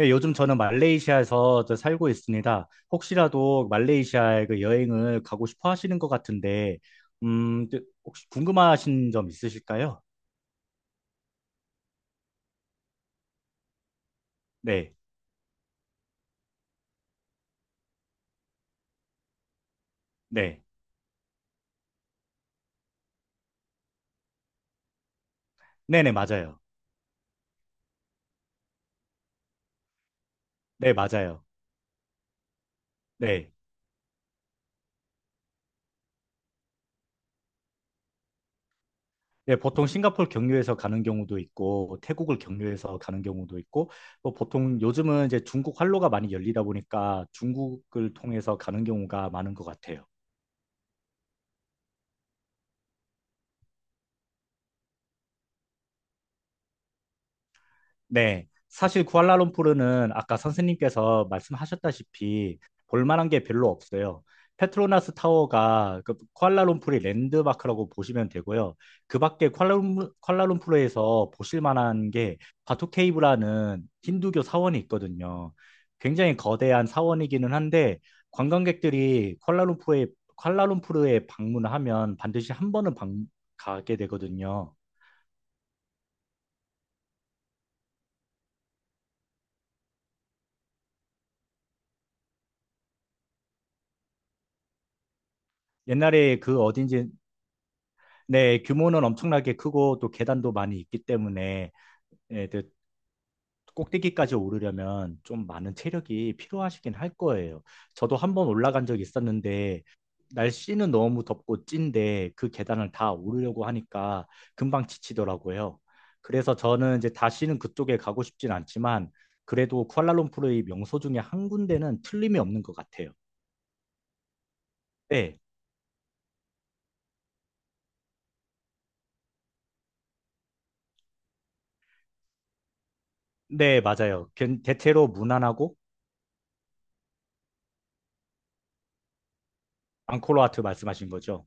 예, 요즘 저는 말레이시아에서 저 살고 있습니다. 혹시라도 말레이시아에 그 여행을 가고 싶어 하시는 것 같은데, 혹시 궁금하신 점 있으실까요? 네, 네, 네네, 맞아요. 네, 맞아요. 네. 네, 보통 싱가포르 경유해서 가는 경우도 있고, 태국을 경유해서 가는 경우도 있고, 뭐 보통 요즘은 이제 중국 활로가 많이 열리다 보니까 중국을 통해서 가는 경우가 많은 것 같아요. 네, 사실 쿠알라룸푸르는 아까 선생님께서 말씀하셨다시피 볼 만한 게 별로 없어요. 페트로나스 타워가 그 쿠알라룸푸르의 랜드마크라고 보시면 되고요. 그 밖에 쿠알라룸푸르에서 보실 만한 게 바투케이브라는 힌두교 사원이 있거든요. 굉장히 거대한 사원이기는 한데 관광객들이 쿠알라룸푸르에 방문하면 반드시 한 번은 가게 되거든요. 옛날에 그 어딘지 네, 규모는 엄청나게 크고 또 계단도 많이 있기 때문에 예, 그 꼭대기까지 오르려면 좀 많은 체력이 필요하시긴 할 거예요. 저도 한 번 올라간 적이 있었는데 날씨는 너무 덥고 찐데 그 계단을 다 오르려고 하니까 금방 지치더라고요. 그래서 저는 이제 다시는 그쪽에 가고 싶진 않지만 그래도 쿠알라룸푸르의 명소 중에 한 군데는 틀림이 없는 것 같아요. 네, 네, 맞아요. 대체로 무난하고 앙코르와트 말씀하신 거죠.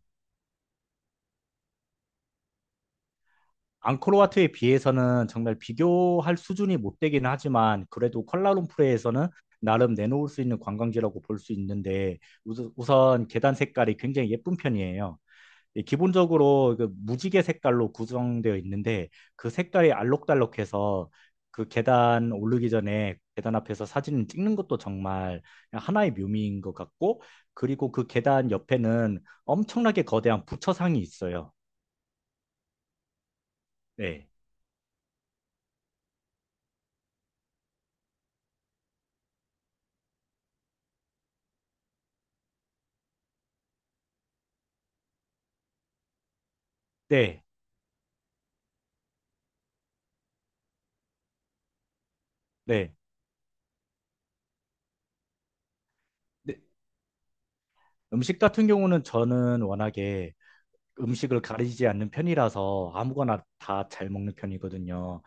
앙코르와트에 비해서는 정말 비교할 수준이 못 되긴 하지만 그래도 콜라룸푸르에서는 나름 내놓을 수 있는 관광지라고 볼 수 있는데 우선 계단 색깔이 굉장히 예쁜 편이에요. 예, 기본적으로 그 무지개 색깔로 구성되어 있는데 그 색깔이 알록달록해서 그 계단 오르기 전에 계단 앞에서 사진을 찍는 것도 정말 하나의 묘미인 것 같고, 그리고 그 계단 옆에는 엄청나게 거대한 부처상이 있어요. 네. 네. 네. 네, 음식 같은 경우는 저는 워낙에 음식을 가리지 않는 편이라서 아무거나 다 잘 먹는 편이거든요.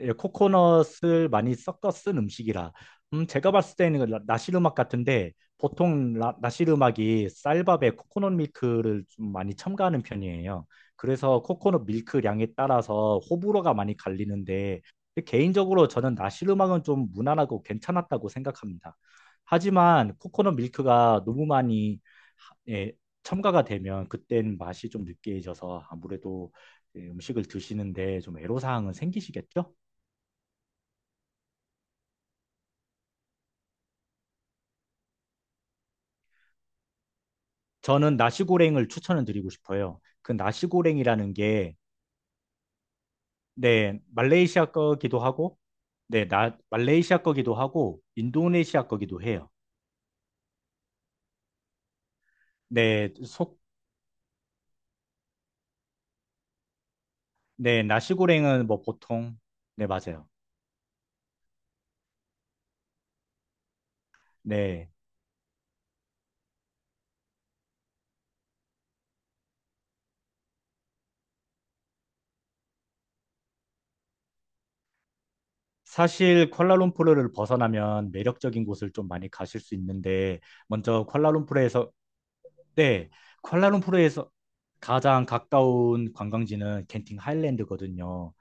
예, 코코넛을 많이 섞어 쓴 음식이라. 제가 봤을 때는 나시르막 같은데 보통 나시르막이 쌀밥에 코코넛 밀크를 좀 많이 첨가하는 편이에요. 그래서 코코넛 밀크량에 따라서 호불호가 많이 갈리는데 개인적으로 저는 나시르막은 좀 무난하고 괜찮았다고 생각합니다. 하지만 코코넛 밀크가 너무 많이 예, 첨가가 되면 그땐 맛이 좀 느끼해져서 아무래도 예, 음식을 드시는데 좀 애로사항은 생기시겠죠? 저는 나시고랭을 추천을 드리고 싶어요. 그 나시고랭이라는 게 네, 말레이시아 거기도 하고 네, 나 말레이시아 거기도 하고 인도네시아 거기도 해요. 네, 속 네, 나시고랭은 뭐 보통 네, 맞아요. 네. 사실 콜라룸푸르를 벗어나면 매력적인 곳을 좀 많이 가실 수 있는데 먼저 콜라룸푸르에서 네, 쿠알라룸푸르에서 가장 가까운 관광지는 genting 하일랜드거든요.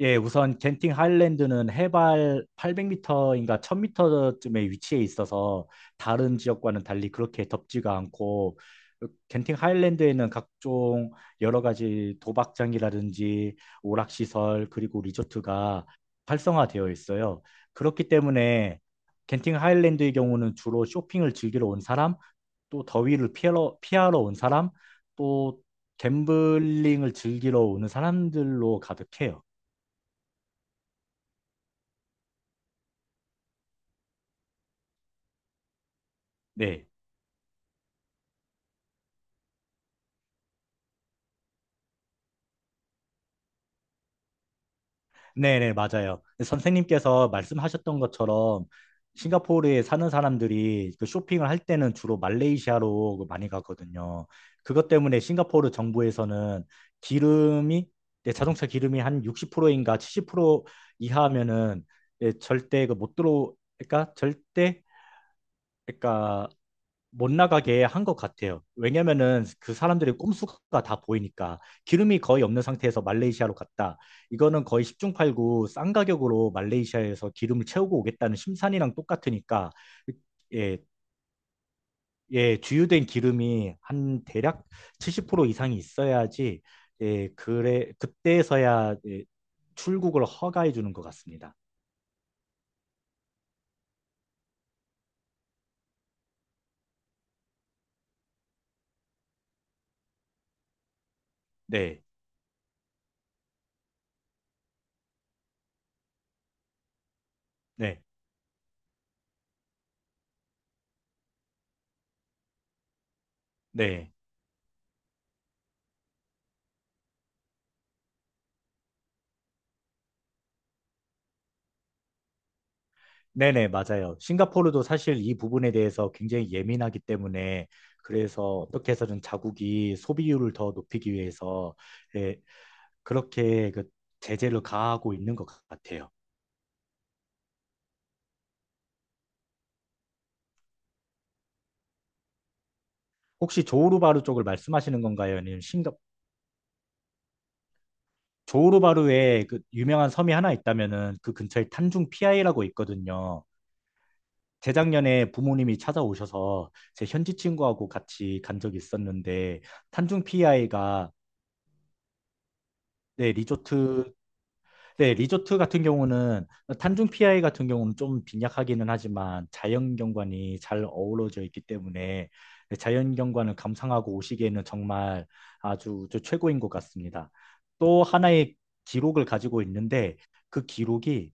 예, 우선 genting 하일랜드는 해발 800m인가 1000m쯤에 위치해 있어서 다른 지역과는 달리 그렇게 덥지가 않고 겐팅 하일랜드에는 각종 여러 가지 도박장이라든지 오락시설 그리고 리조트가 활성화되어 있어요. 그렇기 때문에 겐팅 하일랜드의 경우는 주로 쇼핑을 즐기러 온 사람, 또 피하러 온 사람, 또 갬블링을 즐기러 오는 사람들로 가득해요. 네. 네네, 맞아요. 선생님께서 말씀하셨던 것처럼 싱가포르에 사는 사람들이 그 쇼핑을 할 때는 주로 말레이시아로 그 많이 가거든요. 그것 때문에 싱가포르 정부에서는 기름이, 네, 자동차 기름이 한 60%인가 70% 이하면은 예, 절대 그 못 들어, 그러니까 절대, 그러니까 못 나가게 한 것 같아요. 왜냐면은 그 사람들의 꼼수가 다 보이니까 기름이 거의 없는 상태에서 말레이시아로 갔다. 이거는 거의 십중팔구 싼 가격으로 말레이시아에서 기름을 채우고 오겠다는 심산이랑 똑같으니까 예, 예, 주유된 기름이 한 대략 70% 이상이 있어야지 예, 그때서야 예, 출국을 허가해 주는 것 같습니다. 네, 네, 네. 네네, 맞아요. 싱가포르도 사실 이 부분에 대해서 굉장히 예민하기 때문에 그래서 어떻게 해서든 자국이 소비율을 더 높이기 위해서 예, 그렇게 그 제재를 가하고 있는 것 같아요. 혹시 조호르바루 쪽을 말씀하시는 건가요? 아니면 싱가 조호르바루에 그 유명한 섬이 하나 있다면은 그 근처에 탄중 피아이라고 있거든요. 재작년에 부모님이 찾아오셔서 제 현지 친구하고 같이 간 적이 있었는데 탄중 피아이가 네, 리조트 네, 리조트 같은 경우는 탄중 피아이 같은 경우는 좀 빈약하기는 하지만 자연 경관이 잘 어우러져 있기 때문에 네, 자연 경관을 감상하고 오시기에는 정말 아주 저 최고인 것 같습니다. 또 하나의 기록을 가지고 있는데 그 기록이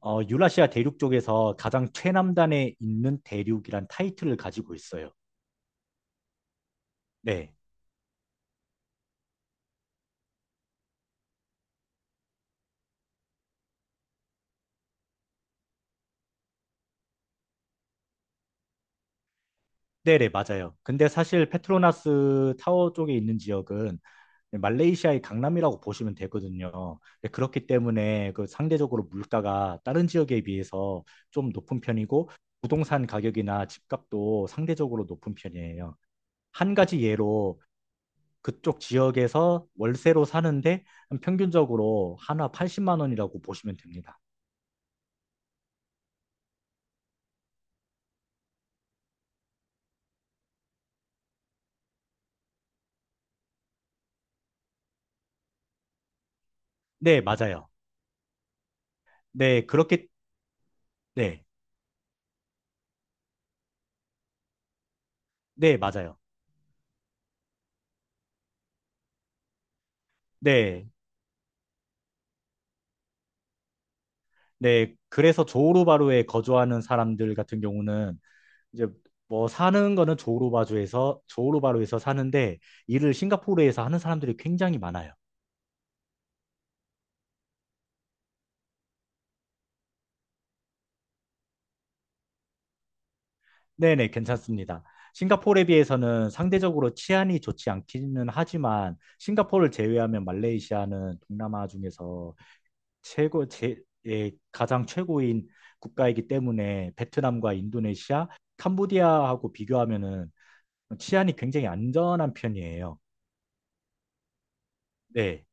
유라시아 대륙 쪽에서 가장 최남단에 있는 대륙이란 타이틀을 가지고 있어요. 네. 네네, 맞아요. 근데 사실 페트로나스 타워 쪽에 있는 지역은 말레이시아의 강남이라고 보시면 되거든요. 그렇기 때문에 그 상대적으로 물가가 다른 지역에 비해서 좀 높은 편이고 부동산 가격이나 집값도 상대적으로 높은 편이에요. 한 가지 예로 그쪽 지역에서 월세로 사는데 평균적으로 하나 80만 원이라고 보시면 됩니다. 네, 맞아요. 네, 그렇게 네. 네, 맞아요. 네. 네, 그래서 조호르바루에 거주하는 사람들 같은 경우는 이제 뭐 사는 거는 조호르바주에서 조호르바루에서 사는데 일을 싱가포르에서 하는 사람들이 굉장히 많아요. 네네, 괜찮습니다. 싱가포르에 비해서는 상대적으로 치안이 좋지 않기는 하지만 싱가포르를 제외하면 말레이시아는 동남아 중에서 최고 제 예, 가장 최고인 국가이기 때문에 베트남과 인도네시아, 캄보디아하고 비교하면은 치안이 굉장히 안전한 편이에요. 네.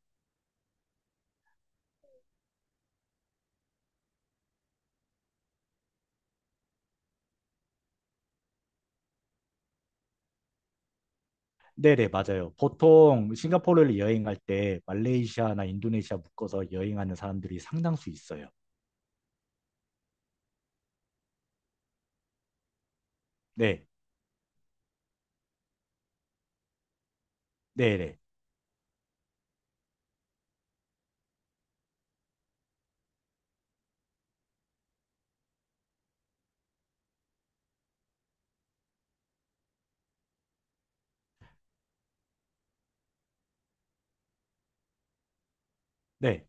네네, 맞아요. 보통 싱가포르를 여행 갈때 말레이시아나 인도네시아 묶어서 여행하는 사람들이 상당수 있어요. 네, 네네, 네,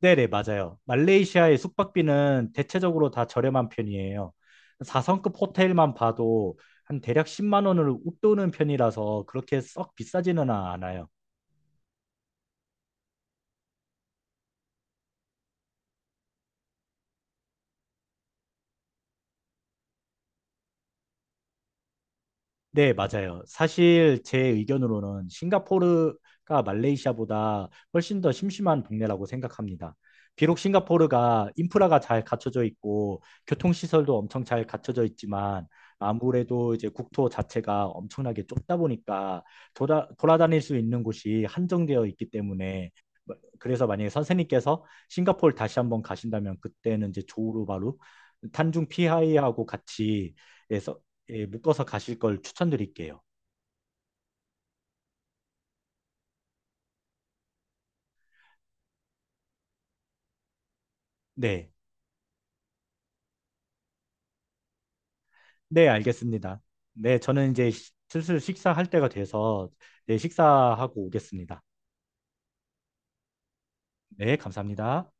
네네, 맞아요. 말레이시아의 숙박비는 대체적으로 다 저렴한 편이에요. 4성급 호텔만 봐도 한 대략 10만 원을 웃도는 편이라서 그렇게 썩 비싸지는 않아요. 네, 맞아요. 사실 제 의견으로는 싱가포르가 말레이시아보다 훨씬 더 심심한 동네라고 생각합니다. 비록 싱가포르가 인프라가 잘 갖춰져 있고 교통시설도 엄청 잘 갖춰져 있지만 아무래도 이제 국토 자체가 엄청나게 좁다 보니까 돌아다닐 수 있는 곳이 한정되어 있기 때문에 뭐, 그래서 만약에 선생님께서 싱가포르 다시 한번 가신다면 그때는 이제 조우루바루 탄중 피하이하고 같이 해서 예, 묶어서 가실 걸 추천드릴게요. 네. 네, 알겠습니다. 네, 저는 이제 슬슬 식사할 때가 돼서 네, 식사하고 오겠습니다. 네, 감사합니다.